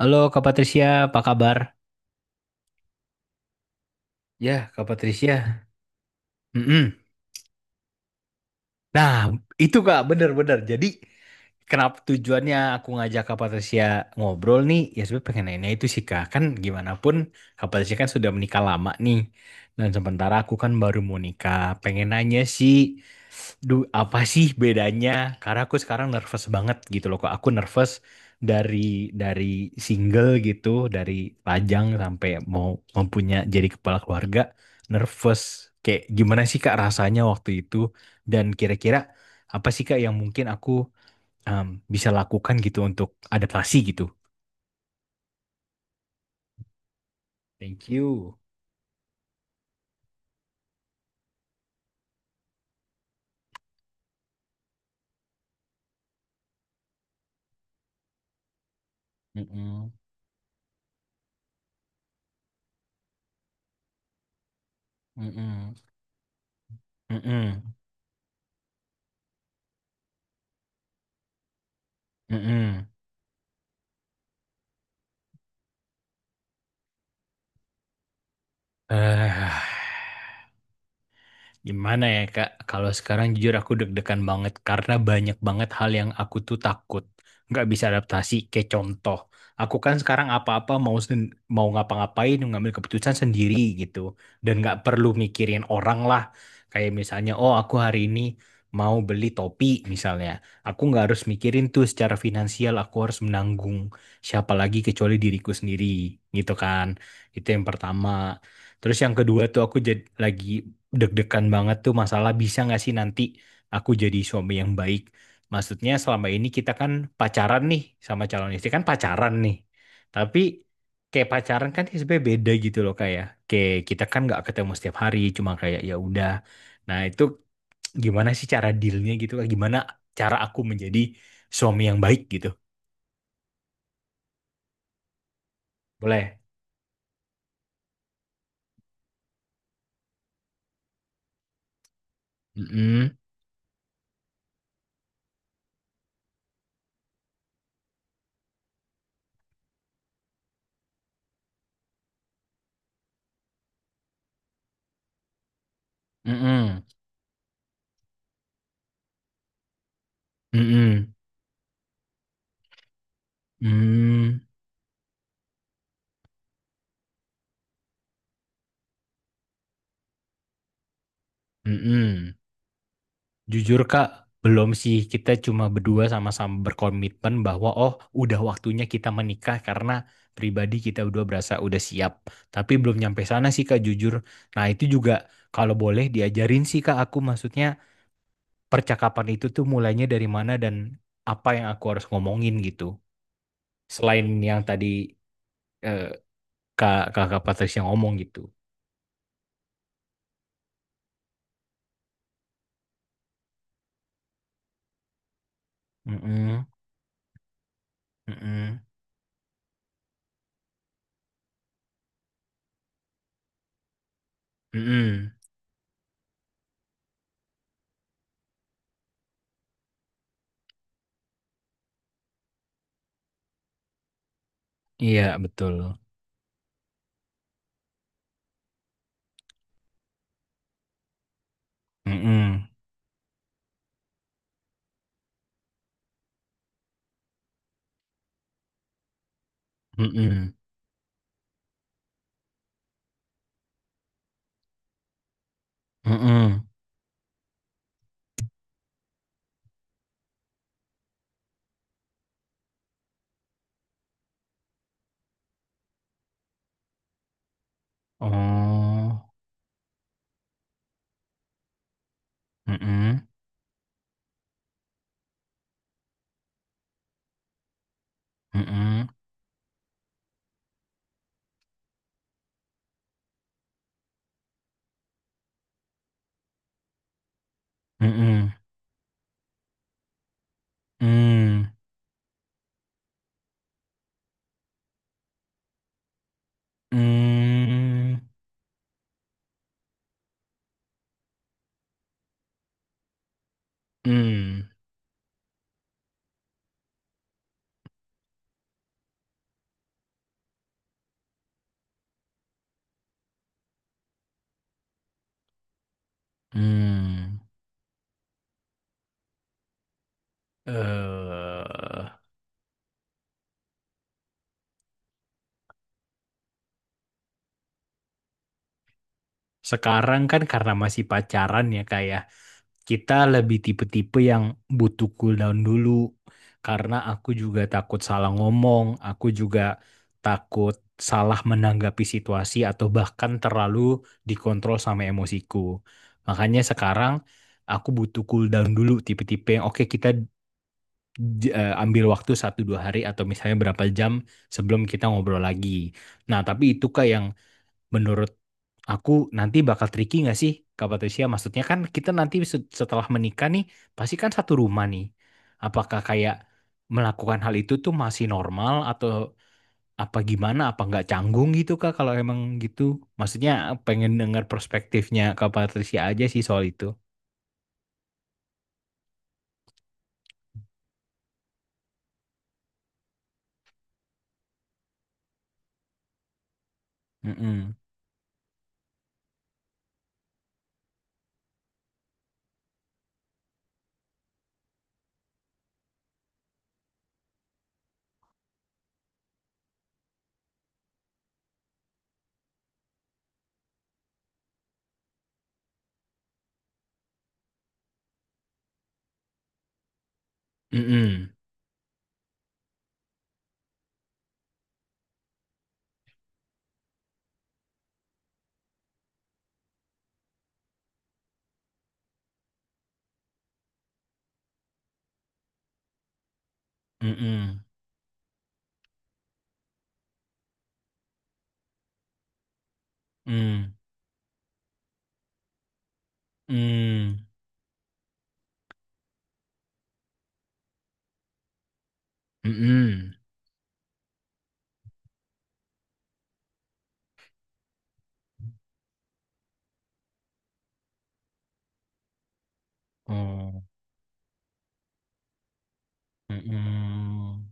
Halo Kak Patricia, apa kabar? Ya, Kak Patricia. Mm-mm. Nah, itu Kak, bener-bener. Jadi, kenapa tujuannya aku ngajak Kak Patricia ngobrol nih? Ya, sebenarnya pengen nanya itu sih Kak. Kan gimana pun, Kak Patricia kan sudah menikah lama nih. Dan sementara aku kan baru mau nikah. Pengen nanya sih, duh, apa sih bedanya? Karena aku sekarang nervous banget gitu loh. Kok aku nervous dari dari single gitu, dari Pajang sampai mau mempunyai jadi kepala keluarga, nervous. Kayak gimana sih Kak rasanya waktu itu? Dan kira-kira apa sih Kak yang mungkin aku um, bisa lakukan gitu untuk adaptasi gitu? Thank you. Mm-mm. Mm-mm. Mm-mm. Mm-mm. Eh. Gimana ya Kak, kalau sekarang jujur aku deg-degan banget karena banyak banget hal yang aku tuh takut nggak bisa adaptasi. Kayak contoh, aku kan sekarang apa-apa mau ngapa-ngapain ngambil keputusan sendiri gitu dan nggak perlu mikirin orang lah. Kayak misalnya, oh aku hari ini mau beli topi misalnya, aku nggak harus mikirin tuh secara finansial aku harus menanggung siapa lagi kecuali diriku sendiri gitu kan. Itu yang pertama. Terus yang kedua tuh aku jadi lagi deg-degan banget tuh masalah bisa nggak sih nanti aku jadi suami yang baik. Maksudnya selama ini kita kan pacaran nih sama calon istri kan pacaran nih. Tapi kayak pacaran kan sebenarnya beda gitu loh kayak kayak kita kan nggak ketemu setiap hari cuma kayak ya udah. Nah itu gimana sih cara dealnya gitu. Gimana cara aku menjadi suami yang baik gitu? Boleh? Mm-mm. Mm-mm. Mm-mm. Mm-mm. Mm-mm. Jujur Kak, belum sih. Kita cuma berdua sama-sama berkomitmen bahwa oh udah waktunya kita menikah karena pribadi kita berdua berasa udah siap. Tapi belum nyampe sana sih Kak, jujur. Nah itu juga kalau boleh diajarin sih Kak aku maksudnya percakapan itu tuh mulainya dari mana dan apa yang aku harus ngomongin gitu. Selain yang tadi eh, Kakak Patricia ngomong gitu. Mm-mm, mm-mm, mm-mm. Iya betul. Mm-mm, mm-mm. Mm-mm. Oh, mm-mm, mm-mm, mm-mm, mm, mm, mm, mm. Eh, sekarang kan karena masih pacaran ya kak ya, kita lebih tipe-tipe yang butuh cooldown dulu karena aku juga takut salah ngomong, aku juga takut salah menanggapi situasi atau bahkan terlalu dikontrol sama emosiku. Makanya sekarang aku butuh cooldown dulu tipe-tipe yang oke kita ambil waktu satu dua hari atau misalnya berapa jam sebelum kita ngobrol lagi. Nah, tapi itu kak yang menurut aku nanti bakal tricky nggak sih Kak Patricia? Maksudnya kan kita nanti setelah menikah nih, pasti kan satu rumah nih. Apakah kayak melakukan hal itu tuh masih normal atau apa gimana? Apa nggak canggung gitu Kak kalau emang gitu? Maksudnya pengen dengar perspektifnya Kak Patricia aja sih soal itu. Mm-mm. Mm-mm. Mm-mm. Mm. Mm. Mm-mm. Oh. Mm-mm.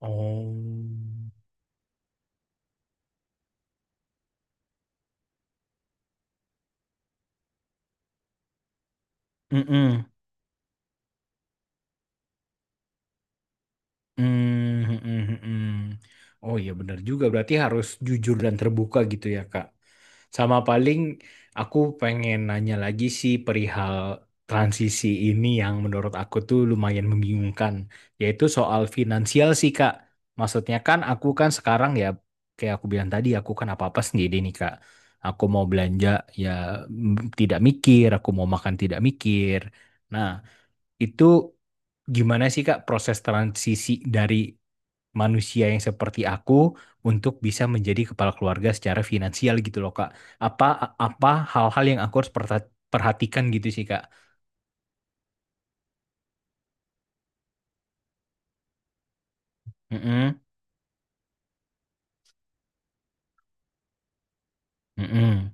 Oh. Mm-mm. Hmm, hmm, hmm. Hmm. Hmm. Oh iya benar juga berarti harus jujur dan terbuka gitu ya Kak. Sama paling aku pengen nanya lagi sih perihal transisi ini yang menurut aku tuh lumayan membingungkan, yaitu soal finansial sih Kak. Maksudnya kan aku kan sekarang ya kayak aku bilang tadi aku kan apa-apa sendiri nih Kak. Aku mau belanja ya, tidak mikir, aku mau makan tidak mikir. Nah, itu gimana sih Kak proses transisi dari manusia yang seperti aku untuk bisa menjadi kepala keluarga secara finansial gitu loh Kak. Apa apa hal-hal yang aku harus perhatikan gitu sih Kak. Mm-mm, mm-mm,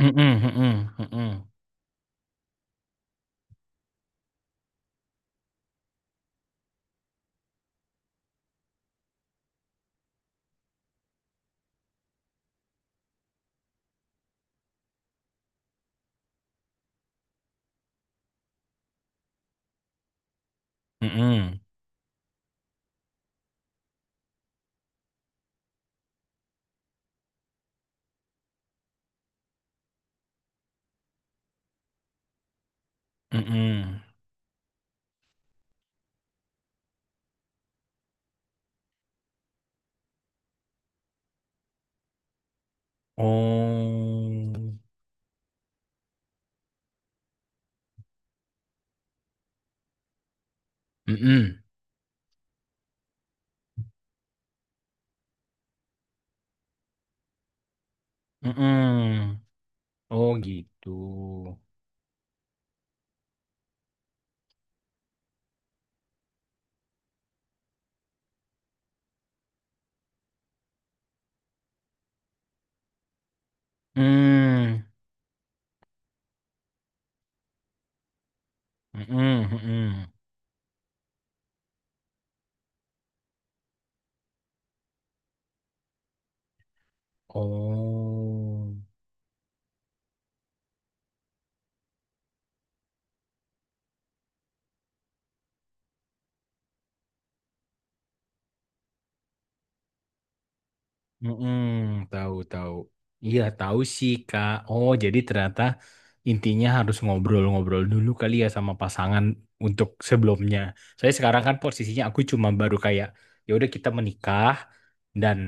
mm-mm, mm-mm, mm-mm, mm-mm, mm-mm. Oh, mm-mm, mm-mm. Oh gitu. Mm, mm-mm, mm-mm. Oh. Mm-mm, tahu tahu. Iya, tahu sih, Kak. Oh, jadi ternyata intinya harus ngobrol-ngobrol dulu kali ya sama pasangan untuk sebelumnya. Saya sekarang kan posisinya aku cuma baru kayak ya udah kita menikah dan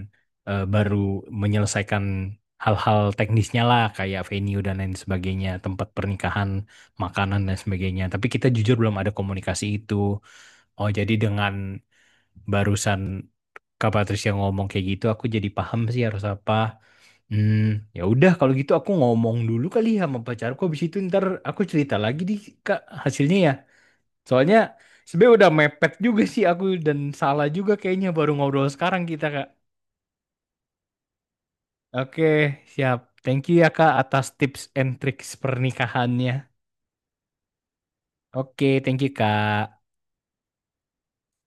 baru menyelesaikan hal-hal teknisnya lah kayak venue dan lain sebagainya, tempat pernikahan, makanan dan sebagainya. Tapi kita jujur belum ada komunikasi itu. Oh, jadi dengan barusan Kak Patricia ngomong kayak gitu, aku jadi paham sih harus apa. Hmm, ya udah kalau gitu aku ngomong dulu kali ya sama pacarku. Habis itu ntar aku cerita lagi di Kak hasilnya ya. Soalnya sebenarnya udah mepet juga sih aku dan salah juga kayaknya baru ngobrol sekarang kita Kak. Oke, siap. Thank you ya Kak atas tips and tricks pernikahannya. Oke, thank you Kak.